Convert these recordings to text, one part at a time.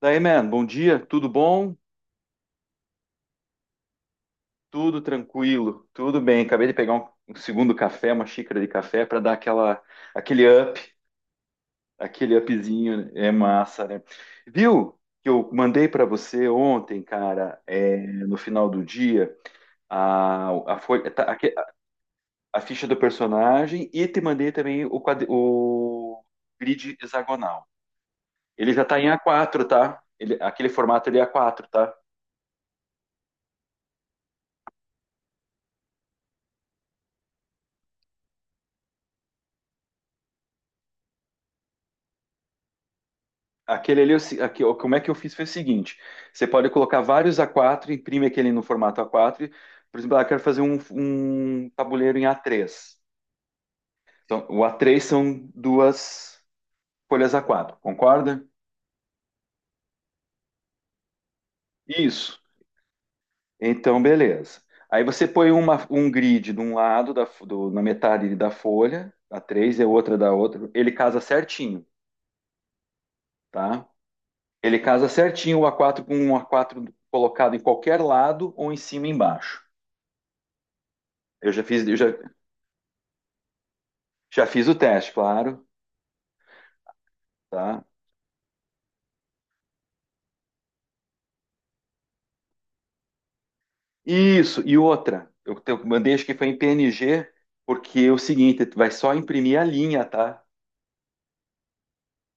Daí, man, bom dia, tudo bom? Tudo tranquilo, tudo bem. Acabei de pegar um segundo café, uma xícara de café para dar aquele up, aquele upzinho, é massa, né? Viu que eu mandei para você ontem, cara, no final do dia, a, folha- tá, aque- a ficha do personagem e te mandei também o grid hexagonal. Ele já tá em A4, tá? Aquele formato ele é A4, tá? Aquele ali, eu se- aqui, ó, como é que eu fiz foi o seguinte: você pode colocar vários A4, imprime aquele no formato A4. Por exemplo, eu quero fazer um tabuleiro em A3. Então, o A3 são duas folhas A4, concorda? Isso. Então, beleza. Aí você põe um grid de um lado, na metade da folha, A3 e a outra da outra. Ele casa certinho, tá? Ele casa certinho o A4 com um A4 colocado em qualquer lado ou em cima e embaixo. Eu já fiz, eu já Já fiz o teste, claro, tá? Isso, e outra, eu mandei acho que foi em PNG, porque é o seguinte, tu vai só imprimir a linha, tá?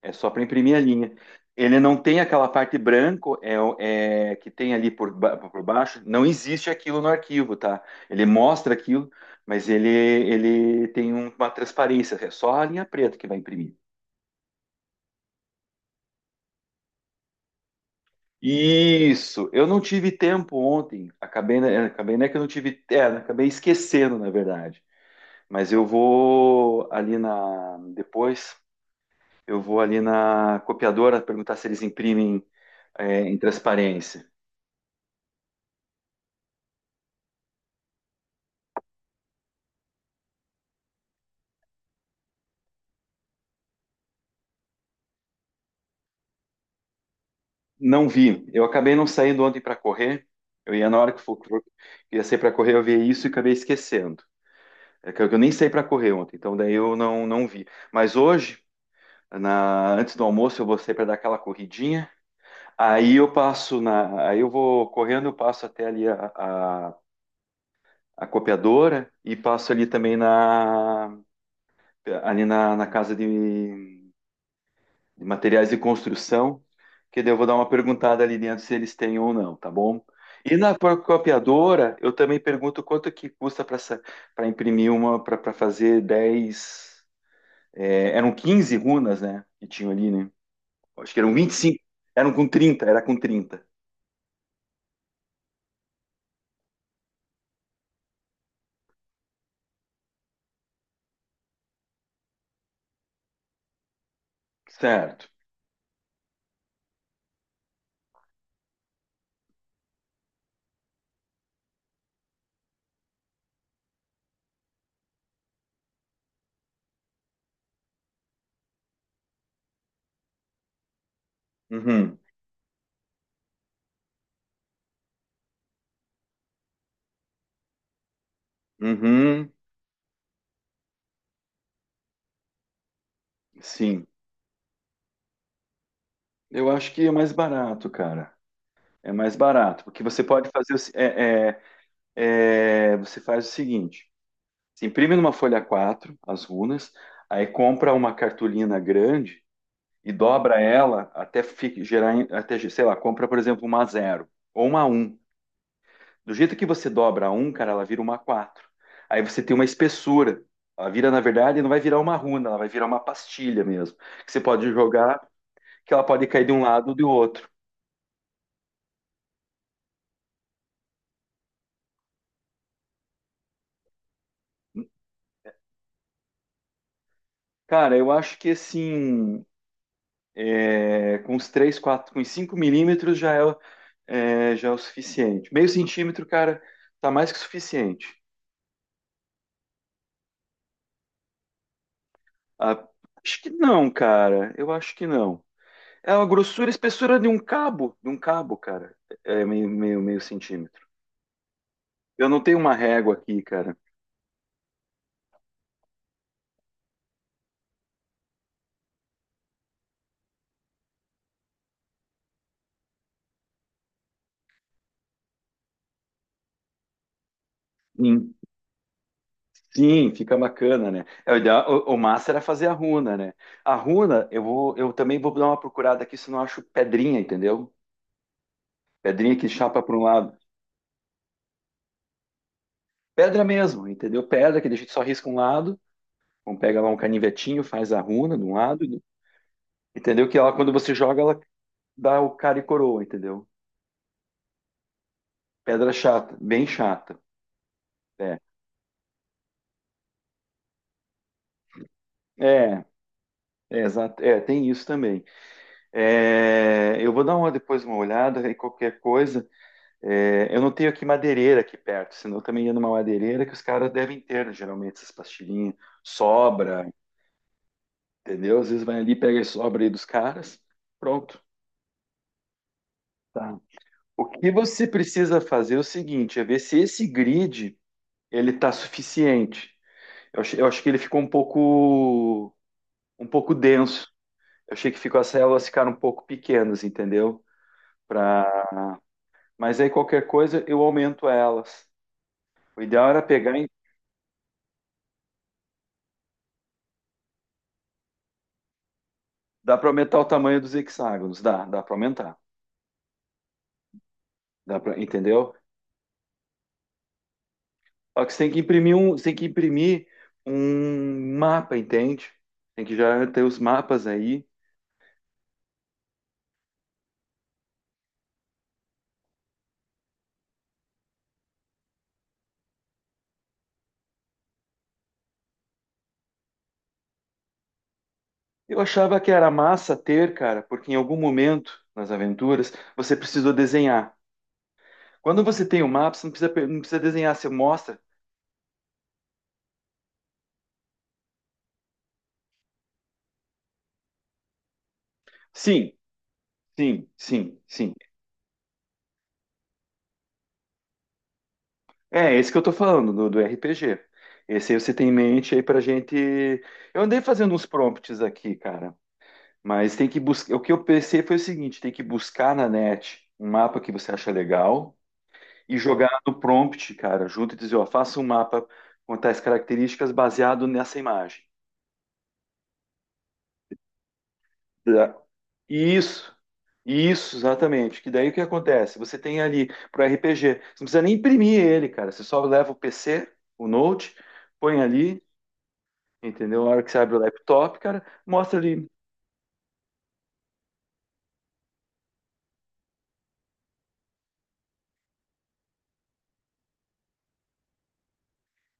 É só para imprimir a linha. Ele não tem aquela parte branco que tem ali por baixo, não existe aquilo no arquivo, tá? Ele mostra aquilo, mas ele tem uma transparência, é só a linha preta que vai imprimir. Isso, eu não tive tempo ontem, acabei, né, que eu não tive, é, acabei esquecendo, na verdade. Mas eu vou ali na. Depois, eu vou ali na copiadora perguntar se eles imprimem em transparência. Não vi. Eu acabei não saindo ontem para correr. Eu ia na hora que ia sair para correr, eu vi isso e acabei esquecendo. É que eu nem saí para correr ontem, então daí eu não vi. Mas hoje, antes do almoço, eu vou sair para dar aquela corridinha. Aí eu passo na. Aí eu vou correndo, eu passo até ali a, a copiadora e passo ali também na ali na casa de materiais de construção, que daí eu vou dar uma perguntada ali dentro se eles têm ou não, tá bom? E na copiadora, eu também pergunto quanto que custa para imprimir para fazer 10 eram 15 runas, né? Que tinham ali, né? Acho que eram 25. Era com 30. Certo. Uhum. Uhum. Sim. Eu acho que é mais barato, cara. É mais barato, porque você pode fazer. O se- É, você faz o seguinte: Você imprime numa folha quatro as runas, aí compra uma cartolina grande e dobra ela até gerar, até, sei lá, compra, por exemplo, uma zero ou uma um. Do jeito que você dobra a 1, cara, ela vira uma quatro. Aí você tem uma espessura. Ela vira, na verdade, não vai virar uma runa, ela vai virar uma pastilha mesmo. Que você pode jogar, que ela pode cair de um lado ou do outro. Cara, eu acho que assim, com os 3 4 com os 5 milímetros já é, já é o suficiente. Meio centímetro, cara, tá mais que suficiente. Ah, acho que não, cara. Eu acho que não. É a grossura, a espessura de um cabo, cara. É meio centímetro. Eu não tenho uma régua aqui, cara. Sim, sim, fica bacana, né? É, o, ideal- o O massa era fazer a runa, né? A runa, eu vou, eu também vou dar uma procurada aqui se não acho pedrinha, entendeu? Pedrinha que chapa para um lado. Pedra mesmo, entendeu? Pedra que a gente só risca um lado. Então pega lá um canivetinho, faz a runa de um lado, entendeu? Que ela, quando você joga, ela dá o cara e coroa, entendeu? Pedra chata, bem chata. É, é, Exato, é, tem isso também. É, eu vou dar depois uma olhada e qualquer coisa. É, eu não tenho aqui madeireira aqui perto, senão eu também ia numa madeireira que os caras devem ter, né, geralmente, essas pastilhinhas. Sobra, entendeu? Às vezes vai ali, pega e sobra aí dos caras. Pronto. Tá. O que você precisa fazer é o seguinte, é ver se esse grid ele tá suficiente. Eu acho que ele ficou um pouco denso. Eu achei que ficou As células ficaram um pouco pequenas, entendeu? Pra... Mas aí qualquer coisa eu aumento elas. O ideal era pegar e dá para aumentar o tamanho dos hexágonos, dá para aumentar, dá para, entendeu? Só que você tem que imprimir você tem que imprimir um mapa, entende? Tem que já ter os mapas aí. Eu achava que era massa ter, cara, porque em algum momento nas aventuras você precisou desenhar. Quando você tem o mapa, você não precisa, não precisa desenhar, você mostra. Sim, sim, sim, sim. É esse que eu tô falando, do RPG. Esse aí você tem em mente aí pra gente. Eu andei fazendo uns prompts aqui, cara. Mas tem que buscar. O que eu pensei foi o seguinte: tem que buscar na net um mapa que você acha legal e jogar no prompt, cara, junto e dizer, ó, faça um mapa com tais características baseado nessa imagem. Tá? Isso, isso, exatamente. Que daí o que acontece? Você tem ali para RPG, você não precisa nem imprimir ele, cara. Você só leva o PC, o Note, põe ali, entendeu? Na hora que você abre o laptop, cara, mostra ali.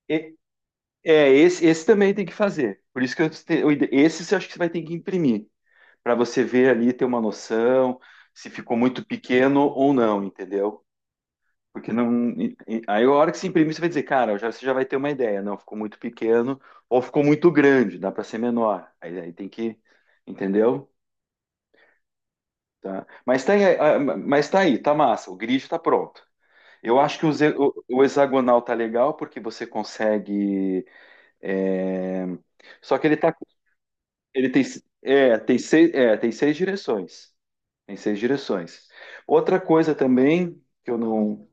E- esse também tem que fazer. Por isso que eu, te- eu ide- esse você acha que você vai ter que imprimir, para você ver ali, ter uma noção se ficou muito pequeno ou não, entendeu? Porque não. Aí a hora que se imprimir, você vai dizer, cara, já, você já vai ter uma ideia. Não, ficou muito pequeno ou ficou muito grande, dá para ser menor. Aí tem que. Entendeu? Tá. Mas tá, aí, ah, mas tá aí, tá massa. O grid tá pronto. Eu acho que o hexagonal tá legal porque você consegue. é, Só que ele tá. Ele tem, tem seis direções. Tem seis direções. Outra coisa também que eu não.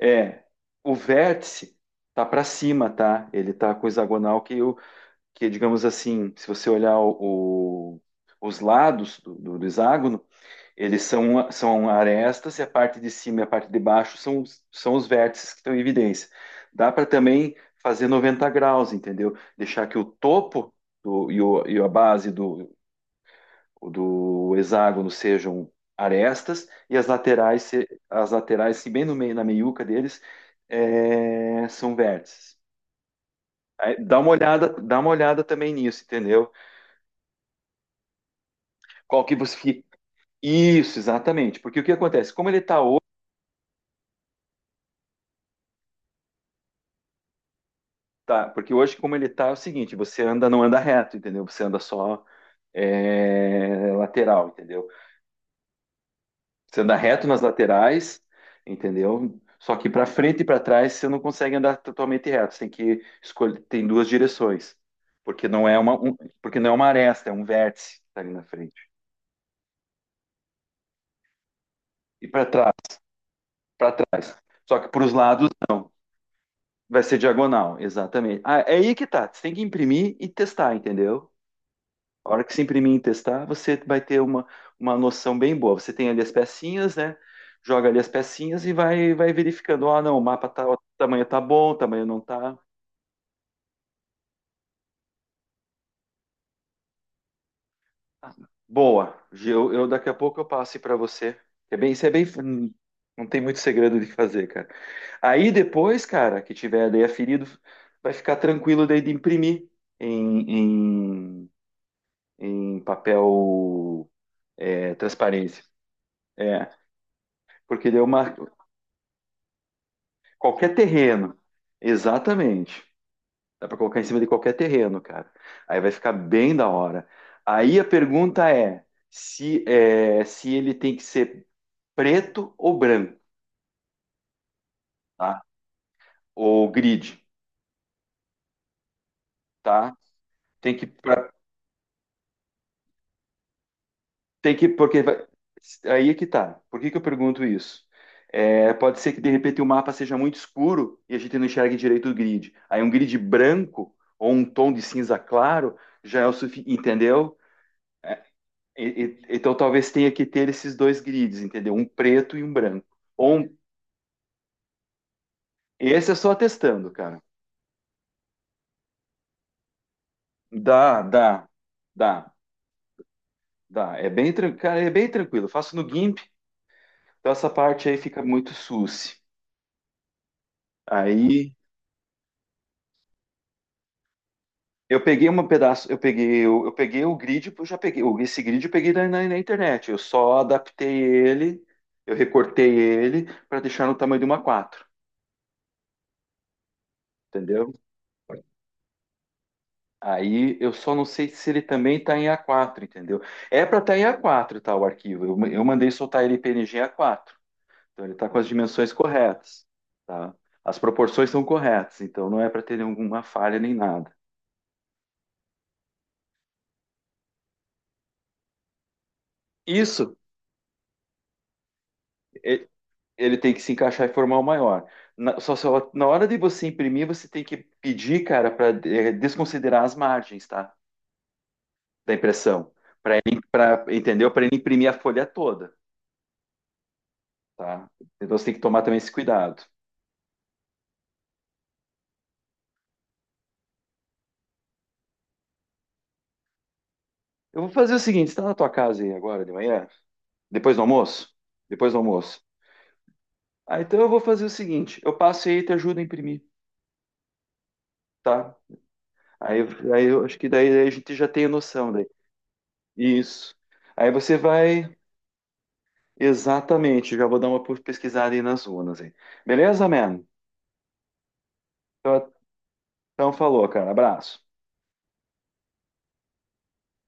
É, o vértice tá para cima, tá? Ele tá com o hexagonal que digamos assim, se você olhar os lados do hexágono, eles são arestas e a parte de cima e a parte de baixo são são os vértices que estão em evidência. Dá para também fazer 90 graus, entendeu? Deixar que o topo do, e, o, e a base do o do hexágono sejam arestas e as laterais, se bem no meio, na meiuca deles, são vértices. Aí, dá uma olhada também nisso, entendeu? Qual que você fica... Isso, exatamente. Porque o que acontece? Como ele está hoje, tá, porque hoje como ele está é o seguinte, você anda, não anda reto, entendeu? Você anda só lateral, entendeu? Você anda reto nas laterais, entendeu? Só que para frente e para trás você não consegue andar totalmente reto. Você tem que escolher, tem duas direções, porque não é uma, um- porque não é uma aresta, é um vértice que tá ali na frente. E para trás, para trás. Só que para os lados não. Vai ser diagonal, exatamente. Ah, é aí que tá. Você tem que imprimir e testar, entendeu? A hora que você imprimir e testar, você vai ter uma noção bem boa. Você tem ali as pecinhas, né? Joga ali as pecinhas e vai verificando. Ah, não, o mapa tá, o tamanho tá bom, o tamanho não tá. Ah, boa. Eu daqui a pouco eu passo para você. Isso é bem, não tem muito segredo de fazer, cara. Aí depois, cara, que tiver daí aferido, vai ficar tranquilo daí de imprimir em, em, em papel transparência. É, porque deu uma. Qualquer terreno. Exatamente. Dá para colocar em cima de qualquer terreno, cara. Aí vai ficar bem da hora. Aí a pergunta é se ele tem que ser preto ou branco, tá? Ou grid, tá? Tem que, pra- tem que, porque vai- aí é que tá. Por que que eu pergunto isso? É, pode ser que de repente o mapa seja muito escuro e a gente não enxergue direito o grid. Aí um grid branco ou um tom de cinza claro já é o suficiente, entendeu? Então talvez tenha que ter esses dois grids, entendeu? Um preto e um branco. Ou um. Esse é só testando, cara. Dá, dá, dá, dá. É bem, cara, é bem tranquilo. Eu faço no GIMP, então essa parte aí fica muito susse. Aí eu peguei um pedaço, eu peguei o grid, eu já peguei, o- esse grid eu peguei na internet. Eu só adaptei ele, eu recortei ele para deixar no tamanho de uma quatro, entendeu? Aí eu só não sei se ele também está em A4, entendeu? É para estar em A4, tá, o arquivo. Eu mandei soltar ele em PNG em A4. Então ele está com as dimensões corretas, tá? As proporções são corretas, então não é para ter nenhuma falha nem nada. Isso, e- ele tem que se encaixar e formar o maior. Na hora de você imprimir, você tem que pedir, cara, para desconsiderar as margens, tá? Da impressão, para ele, pra, entendeu? Para ele imprimir a folha toda, tá? Então você tem que tomar também esse cuidado. Eu vou fazer o seguinte, você está na tua casa aí agora de manhã? Depois do almoço? Depois do almoço. Ah, então eu vou fazer o seguinte, eu passo aí e te ajudo a imprimir, tá? Aí, aí eu acho que daí a gente já tem a noção daí. Isso. Aí você vai, exatamente, já vou dar uma pesquisada aí nas urnas aí. Beleza, man? Então, então falou, cara. Abraço.